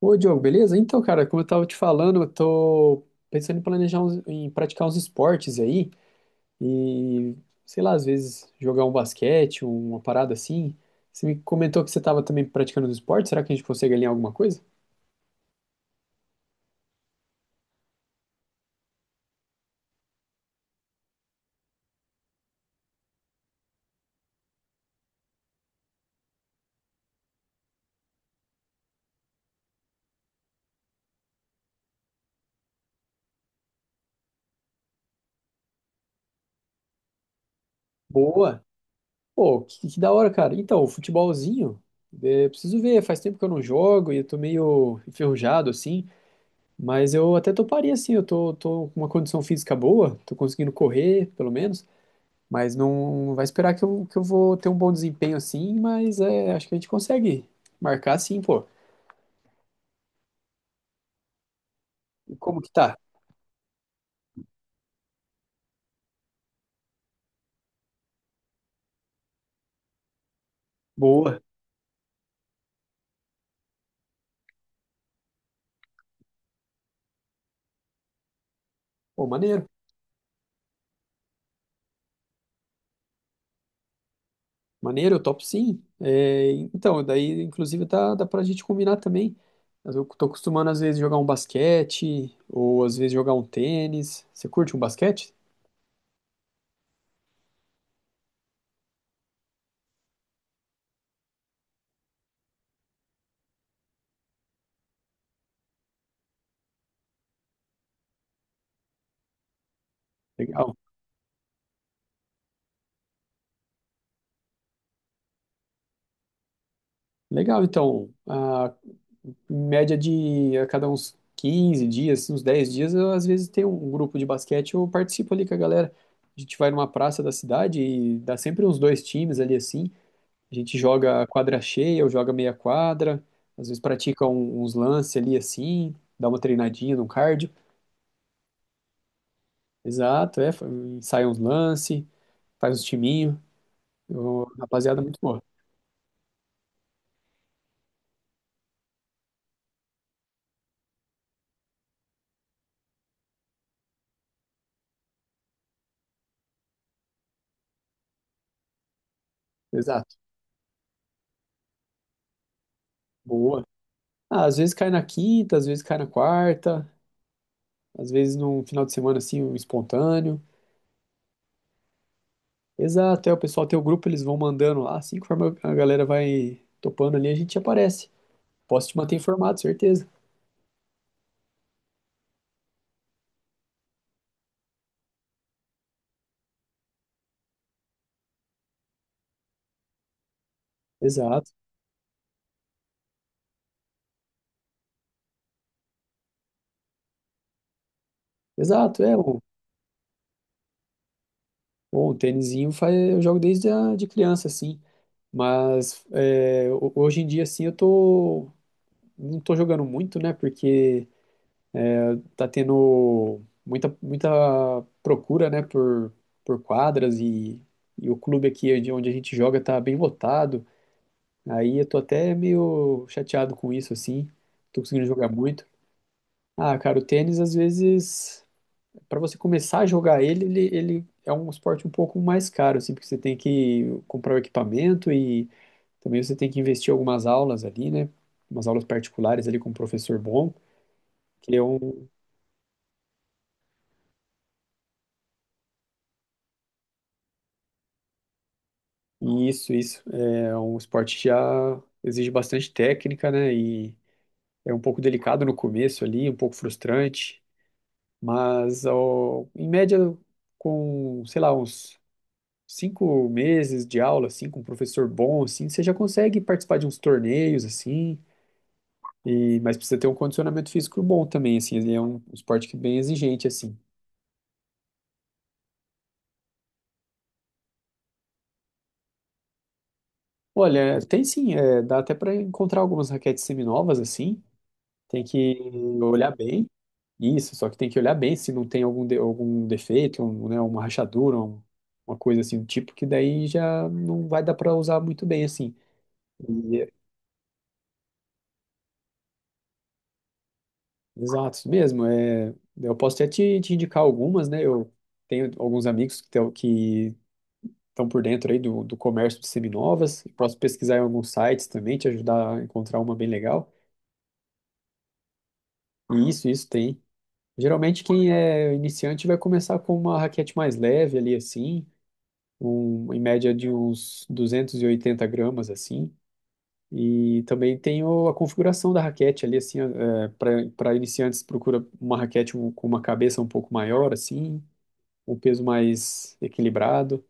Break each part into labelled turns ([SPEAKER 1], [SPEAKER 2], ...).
[SPEAKER 1] Ô, Diogo, beleza? Então, cara, como eu tava te falando, eu tô pensando em praticar uns esportes aí e, sei lá, às vezes jogar um basquete, uma parada assim. Você me comentou que você tava também praticando uns esportes, será que a gente consegue alinhar alguma coisa? Boa! Pô, que da hora, cara. Então, o futebolzinho, preciso ver, faz tempo que eu não jogo e eu tô meio enferrujado assim, mas eu até toparia assim, eu tô com uma condição física boa, tô conseguindo correr, pelo menos. Mas não vai esperar que eu vou ter um bom desempenho assim, mas acho que a gente consegue marcar sim, pô. E como que tá? Boa. Pô, maneiro. Maneiro, eu topo sim. É, então, daí inclusive tá, dá pra gente combinar também. Mas eu tô acostumando às vezes jogar um basquete, ou às vezes jogar um tênis. Você curte um basquete? Legal. Legal, então. Em média de a cada uns 15 dias, assim, uns 10 dias, eu às vezes tem um grupo de basquete, eu participo ali com a galera. A gente vai numa praça da cidade e dá sempre uns dois times ali assim. A gente joga quadra cheia, eu joga meia quadra, às vezes pratica uns lances ali assim, dá uma treinadinha no cardio. Exato, ensaia uns lances, faz uns timinho. Rapaziada, muito boa. Exato, boa. Às vezes cai na quinta, às vezes cai na quarta, às vezes num final de semana assim, um espontâneo. Exato, o pessoal tem o grupo, eles vão mandando lá, assim conforme a galera vai topando ali, a gente aparece. Posso te manter informado, certeza. Exato, exato, o tênisinho faz, eu jogo desde de criança, assim, mas hoje em dia, assim, não tô jogando muito, né, porque tá tendo muita, muita procura, né, por quadras e o clube aqui de onde a gente joga tá bem lotado, aí eu tô até meio chateado com isso, assim. Tô conseguindo jogar muito. Ah, cara, o tênis, às vezes, para você começar a jogar ele é um esporte um pouco mais caro, assim, porque você tem que comprar o equipamento e também você tem que investir em algumas aulas ali, né? Umas aulas particulares ali com um professor bom, que é um. E isso, isso. É um esporte que já exige bastante técnica, né? E é um pouco delicado no começo ali, um pouco frustrante. Mas, ó, em média, com, sei lá, uns 5 meses de aula, assim, com um professor bom, assim, você já consegue participar de uns torneios, assim, mas precisa ter um condicionamento físico bom também, assim, ele é um esporte que é bem exigente, assim. Olha, tem sim, dá até para encontrar algumas raquetes seminovas, assim, tem que olhar bem, isso, só que tem que olhar bem se não tem algum defeito, um, né, uma rachadura, uma coisa assim, um tipo que daí já não vai dar para usar muito bem, assim. E- Exato, isso mesmo. É, eu posso até te indicar algumas, né? Eu tenho alguns amigos que estão por dentro aí do comércio de seminovas. Posso pesquisar em alguns sites também, te ajudar a encontrar uma bem legal. E isso tem. Geralmente quem é iniciante vai começar com uma raquete mais leve ali assim, em média de uns 280 gramas assim. E também tem a configuração da raquete ali, assim, para iniciantes, procura uma raquete com uma cabeça um pouco maior, assim, um peso mais equilibrado.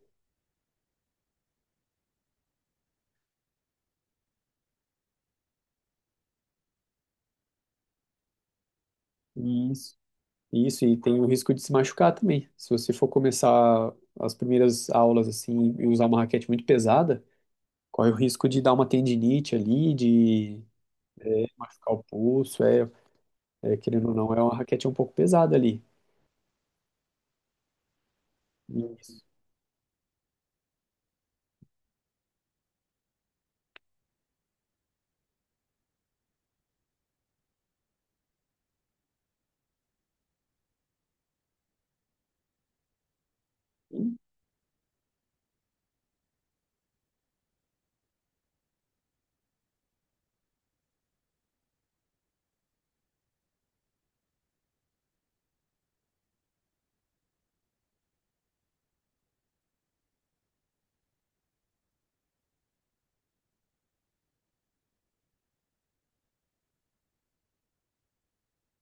[SPEAKER 1] Isso. Isso, e tem o risco de se machucar também. Se você for começar as primeiras aulas, assim, e usar uma raquete muito pesada, corre o risco de dar uma tendinite ali, de machucar o pulso, querendo ou não, é uma raquete um pouco pesada ali. Isso.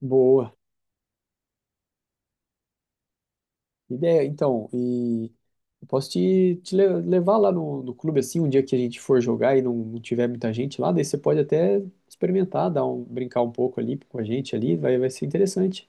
[SPEAKER 1] Boa. Ideia, então, e eu posso te levar lá no clube assim, um dia que a gente for jogar e não tiver muita gente lá, daí você pode até experimentar, brincar um pouco ali com a gente ali, vai ser interessante.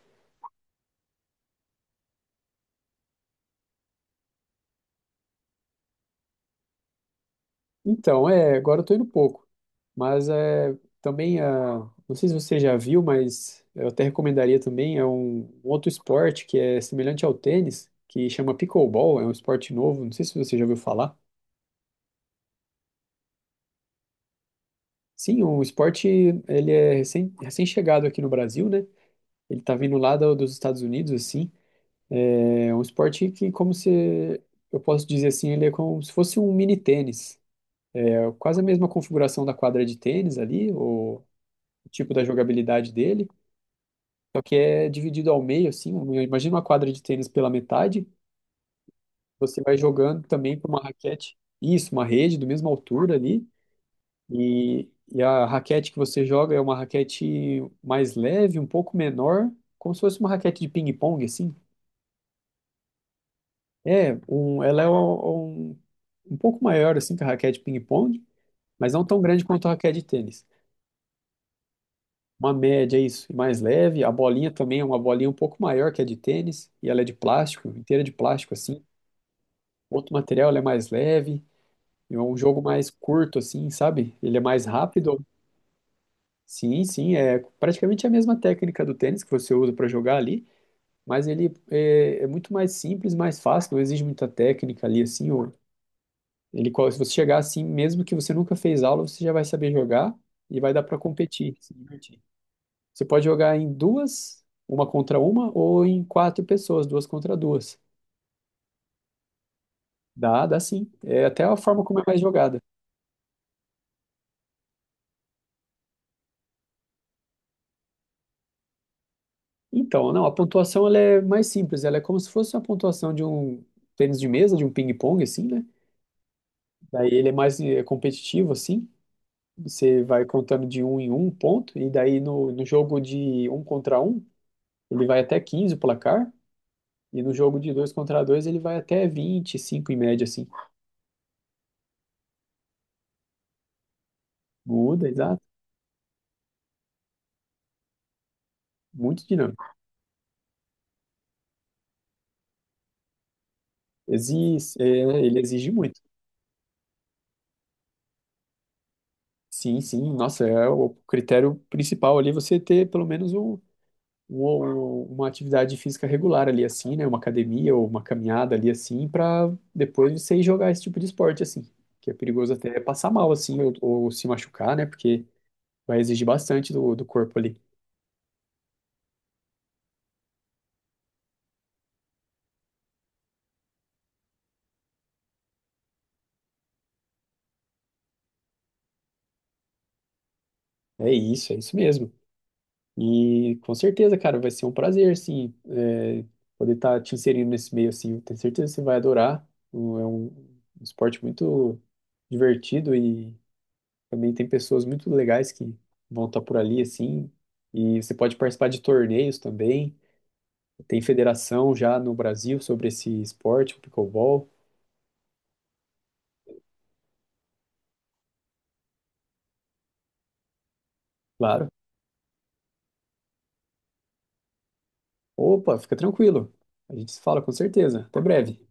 [SPEAKER 1] Então, agora eu tô indo pouco, mas também, não sei se você já viu, mas eu até recomendaria também, é um outro esporte que é semelhante ao tênis, que chama pickleball, é um esporte novo, não sei se você já ouviu falar. Sim, o esporte, ele é recém-chegado aqui no Brasil, né? Ele tá vindo lá dos Estados Unidos, assim. É um esporte que, como se. Eu posso dizer assim, ele é como se fosse um mini tênis. É quase a mesma configuração da quadra de tênis ali, o tipo da jogabilidade dele. Só que é dividido ao meio, assim. Imagina uma quadra de tênis pela metade. Você vai jogando também com uma raquete. Isso, uma rede do mesma altura ali. E, e a raquete que você joga é uma raquete mais leve, um pouco menor, como se fosse uma raquete de ping-pong, assim. Ela é um pouco maior assim que a raquete de ping-pong, mas não tão grande quanto a raquete de tênis. Uma média, é isso, e mais leve. A bolinha também é uma bolinha um pouco maior que a de tênis, e ela é de plástico, inteira de plástico assim. Outro material, ela é mais leve, e é um jogo mais curto assim, sabe? Ele é mais rápido. Sim, sim, é praticamente a mesma técnica do tênis que você usa para jogar ali, mas ele é muito mais simples, mais fácil, não exige muita técnica ali assim. Se você chegar assim, mesmo que você nunca fez aula, você já vai saber jogar e vai dar para competir, se divertir. Você pode jogar em duas, uma contra uma, ou em quatro pessoas, duas contra duas. Dá, dá sim. É até a forma como é mais jogada. Então, não, a pontuação ela é mais simples, ela é como se fosse uma pontuação de um tênis de mesa, de um ping-pong, assim, né? Daí ele é mais competitivo, assim. Você vai contando de um em um ponto, e daí no jogo de um contra um, ele vai até 15 o placar. E no jogo de dois contra dois ele vai até 25 em média, assim. Muda, exato. Muito dinâmico. Exige, é, ele exige muito. Sim, sim. Nossa, é o critério principal ali você ter pelo menos um- uma atividade física regular ali, assim, né? Uma academia ou uma caminhada ali, assim, para depois você ir jogar esse tipo de esporte, assim. Que é perigoso até passar mal, assim, ou se machucar, né? Porque vai exigir bastante do corpo ali. É isso mesmo. E com certeza, cara, vai ser um prazer, assim, poder estar te inserindo nesse meio, assim. Eu tenho certeza que você vai adorar. É um esporte muito divertido e também tem pessoas muito legais que vão estar por ali, assim. E você pode participar de torneios também. Tem federação já no Brasil sobre esse esporte, o pickleball, claro. Opa, fica tranquilo. A gente se fala com certeza. Até breve.